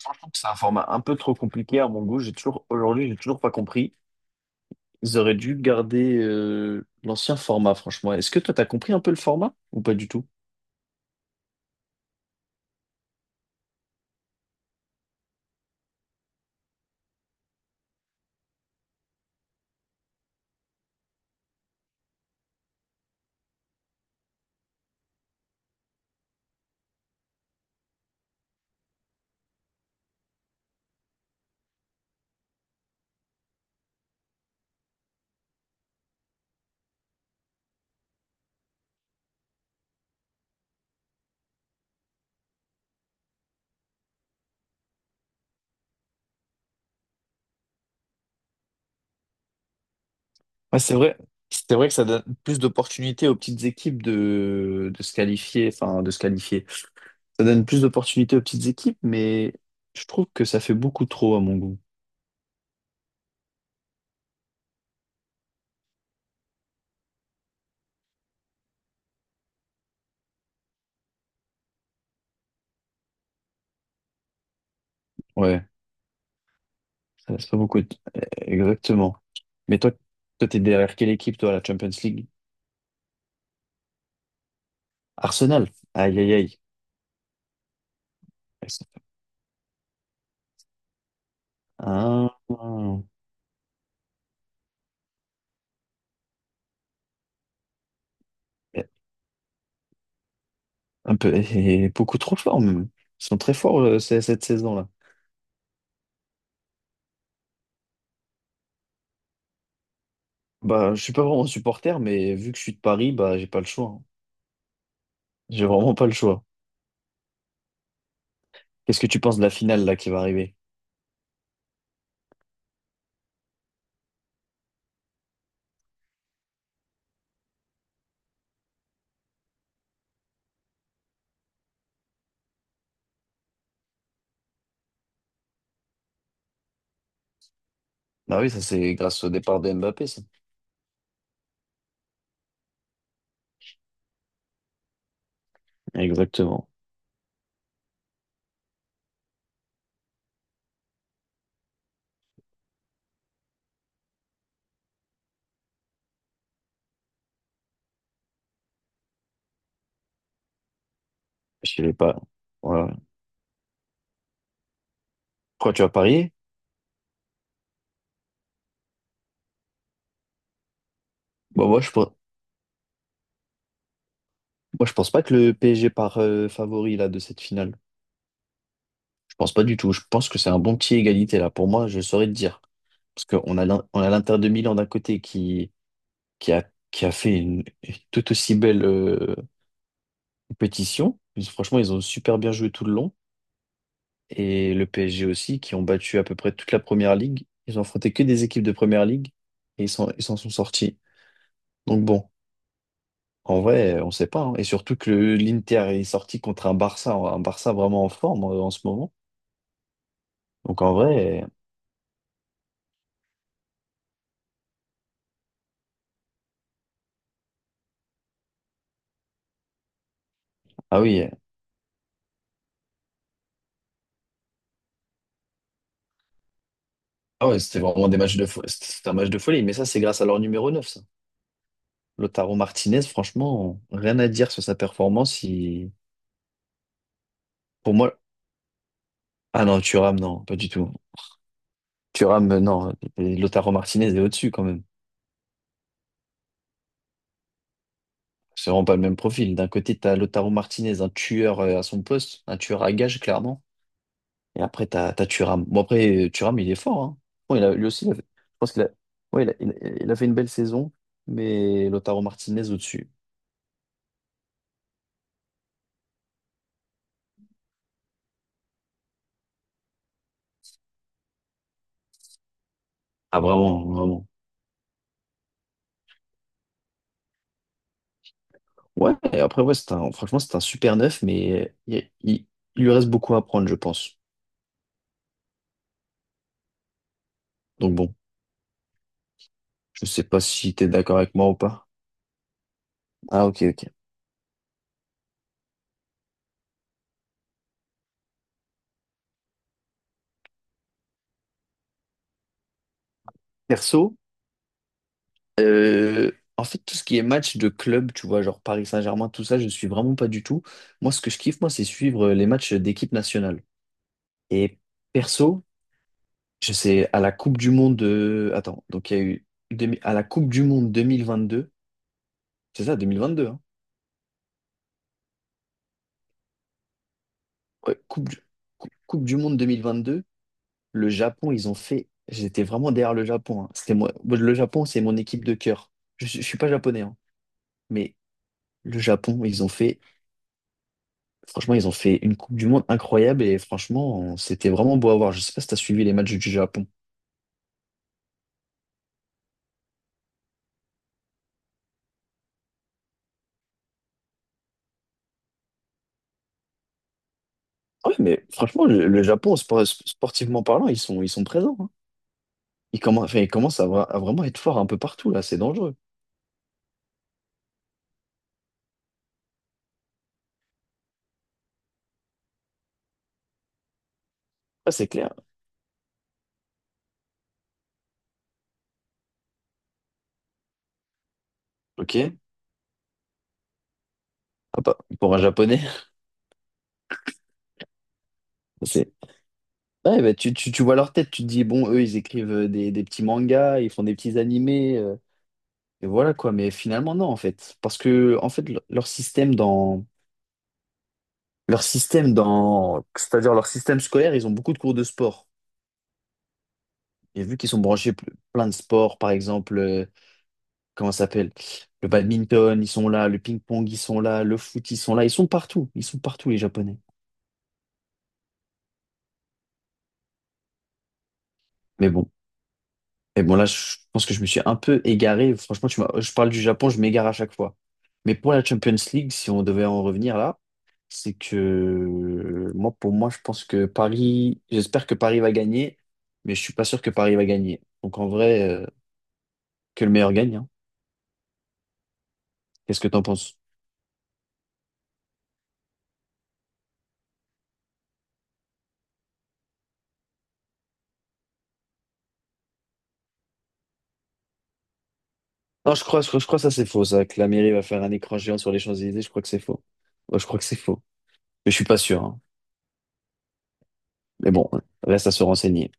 Je trouve que c'est un format un peu trop compliqué à mon goût. J'ai toujours, aujourd'hui, j'ai toujours pas compris. Ils auraient dû garder l'ancien format, franchement. Est-ce que toi, t'as compris un peu le format ou pas du tout? Ouais, c'est vrai. C'est vrai que ça donne plus d'opportunités aux petites équipes de se qualifier, enfin de se qualifier. Ça donne plus d'opportunités aux petites équipes, mais je trouve que ça fait beaucoup trop à mon goût. Ouais, ça laisse pas beaucoup. Exactement. Mais toi, t'es derrière quelle équipe, toi, à la Champions League? Arsenal. Aïe, aïe, aïe. Elles sont- Ah. Mais un peu, et beaucoup trop fort même. Ils sont très forts cette saison-là. Bah, je suis pas vraiment supporter, mais vu que je suis de Paris, bah, j'ai pas le choix, hein. J'ai vraiment pas le choix. Qu'est-ce que tu penses de la finale là qui va arriver? Bah oui, ça c'est grâce au départ de Mbappé, ça. Exactement. Je sais pas. Voilà. Quoi, tu vas parier? Bah moi je pense pas que le PSG part favori là de cette finale. Pense pas du tout. Je pense que c'est un bon petit égalité là. Pour moi, je saurais te dire. Parce qu'on a on a l'Inter de Milan d'un côté qui, qui a fait une tout aussi belle compétition. Ils- Franchement, ils ont super bien joué tout le long. Et le PSG aussi, qui ont battu à peu près toute la première ligue. Ils ont affronté que des équipes de première ligue et ils s'en sont sortis. Donc bon, en vrai, on sait pas, hein. Et surtout que le- l'Inter est sorti contre un Barça vraiment en forme en ce moment. Donc en vrai, ah oui. Ah ouais, c'était vraiment des matchs de folie. C'était un match de folie, mais ça, c'est grâce à leur numéro 9, ça. Lautaro Martinez, franchement, rien à dire sur sa performance. Il- Pour moi, ah non, Thuram, non, pas du tout. Thuram, non, et Lautaro Martinez est au-dessus quand même. C'est vraiment pas le même profil. D'un côté, t'as Lautaro Martinez, un tueur à son poste, un tueur à gage, clairement. Et après, t'as Thuram. Bon, après, Thuram, il est fort, hein. Bon, il a, lui aussi, il a fait- je pense qu'il a... ouais, il a, il a fait une belle saison, mais Lautaro Martinez au-dessus. Ah, vraiment, vraiment. Ouais, et après, ouais, c'est un, franchement, c'est un super neuf, mais il- il lui reste beaucoup à apprendre, je pense. Donc bon, je sais pas si t'es d'accord avec moi ou pas. Ah, ok, ok. Perso, euh, en fait, tout ce qui est match de club, tu vois, genre Paris Saint-Germain, tout ça, je suis vraiment pas du tout. Moi, ce que je kiffe, moi, c'est suivre les matchs d'équipe nationale. Et perso, je sais, à la Coupe du Monde de... Attends, donc il y a eu... à la Coupe du Monde deux mille vingt deux, c'est ça, 2022, hein? Ouais, Coupe du Monde deux mille vingt deux. Le Japon, ils ont fait. J'étais vraiment derrière le Japon, hein. C'était moi. Moi, le Japon, c'est mon équipe de cœur. Je suis pas japonais, hein. Mais le Japon, ils ont fait. Franchement, ils ont fait une Coupe du Monde incroyable et franchement, c'était vraiment beau à voir. Je sais pas si t'as suivi les matchs du Japon. Ouais, mais franchement, le Japon, sportivement parlant, ils sont présents, hein. Ils commencent, enfin, ils commencent à vraiment être forts un peu partout, là. C'est dangereux. Ah, c'est clair. Ok. Ah, bah, pour un Japonais, c'est. Ouais, bah, tu vois leur tête, tu te dis, bon, eux, ils écrivent des petits mangas, ils font des petits animés. Et voilà quoi, mais finalement non en fait, parce que en fait leur système dans c'est-à-dire leur système scolaire, ils ont beaucoup de cours de sport. Et vu qu'ils sont branchés plein de sports, par exemple, comment ça s'appelle? Le badminton, ils sont là, le ping-pong, ils sont là, le foot, ils sont là, ils sont partout les Japonais. Mais bon. Et bon, là, je pense que je me suis un peu égaré. Franchement, tu m'as- je parle du Japon, je m'égare à chaque fois. Mais pour la Champions League, si on devait en revenir là, c'est que moi, pour moi, je pense que Paris, j'espère que Paris va gagner, mais je suis pas sûr que Paris va gagner. Donc en vrai, que le meilleur gagne, hein. Qu'est-ce que t'en penses? Non, je crois que ça c'est faux, ça, que la mairie va faire un écran géant sur les Champs-Élysées. Je crois que c'est faux. Ouais, je crois que c'est faux. Mais je suis pas sûr, hein. Mais bon, reste à se renseigner.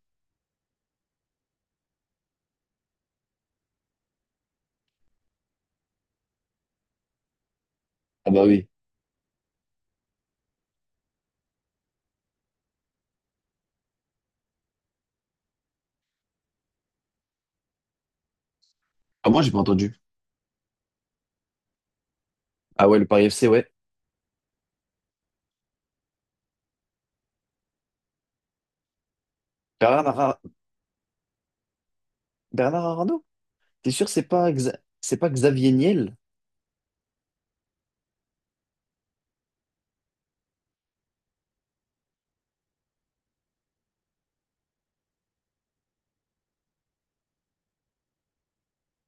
Ah bah oui. Ah, moi, j'ai pas entendu. Ah ouais, le Paris FC, ouais. Bernard Arnault? T'es sûr que c'est pas, c'est pas Xavier Niel?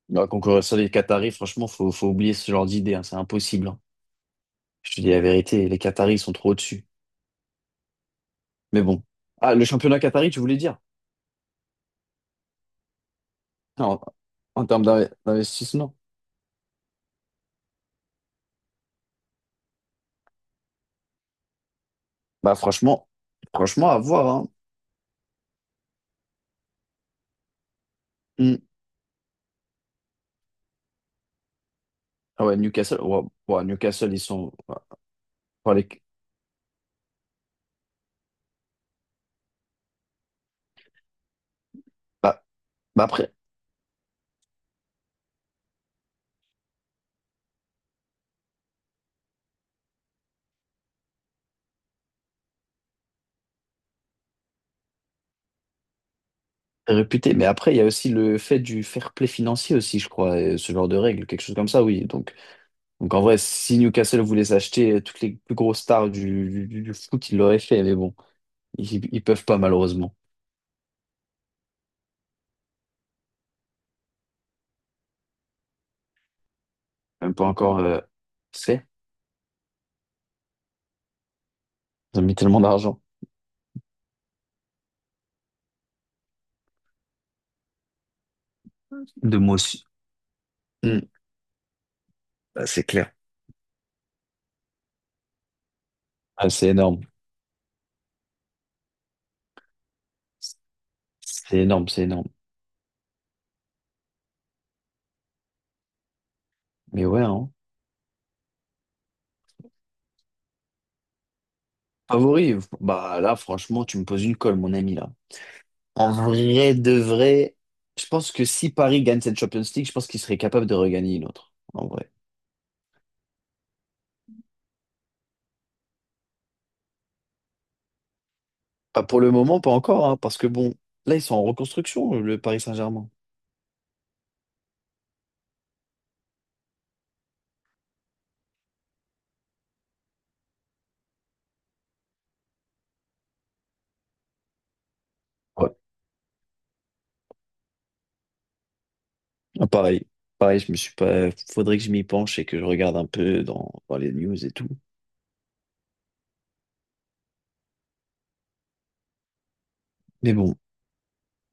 Non, concurrence des Qataris, franchement, faut oublier ce genre d'idée, hein, c'est impossible, hein. Je te dis la vérité, les Qataris sont trop au-dessus. Mais bon. Ah, le championnat Qatari, tu voulais dire? En, en termes d'investissement? Bah franchement, franchement, à voir, hein. Hmm. Ah ouais, Newcastle, wow. Wow, Newcastle, ils sont. Bah, les- bah- bah après, réputés. Mais après, il y a aussi le fait du fair play financier aussi, je crois, et ce genre de règles, quelque chose comme ça, oui. Donc. Donc en vrai, si Newcastle voulait s'acheter toutes les plus grosses stars du foot, ils l'auraient fait, mais bon, ils peuvent pas malheureusement. Même pas encore fait. Ils ont mis tellement d'argent. De moi aussi. Hmm. Bah, c'est clair. Ah, c'est énorme. C'est énorme, c'est énorme. Mais ouais, hein. Favori, bah là, franchement, tu me poses une colle, mon ami, là. En vrai de vrai, je pense que si Paris gagne cette Champions League, je pense qu'il serait capable de regagner une autre. En vrai. Pas pour le moment, pas encore, hein, parce que bon, là, ils sont en reconstruction, le Paris Saint-Germain. Ah, pareil, pareil, je me suis pas. Faudrait que je m'y penche et que je regarde un peu dans les news et tout. Mais bon,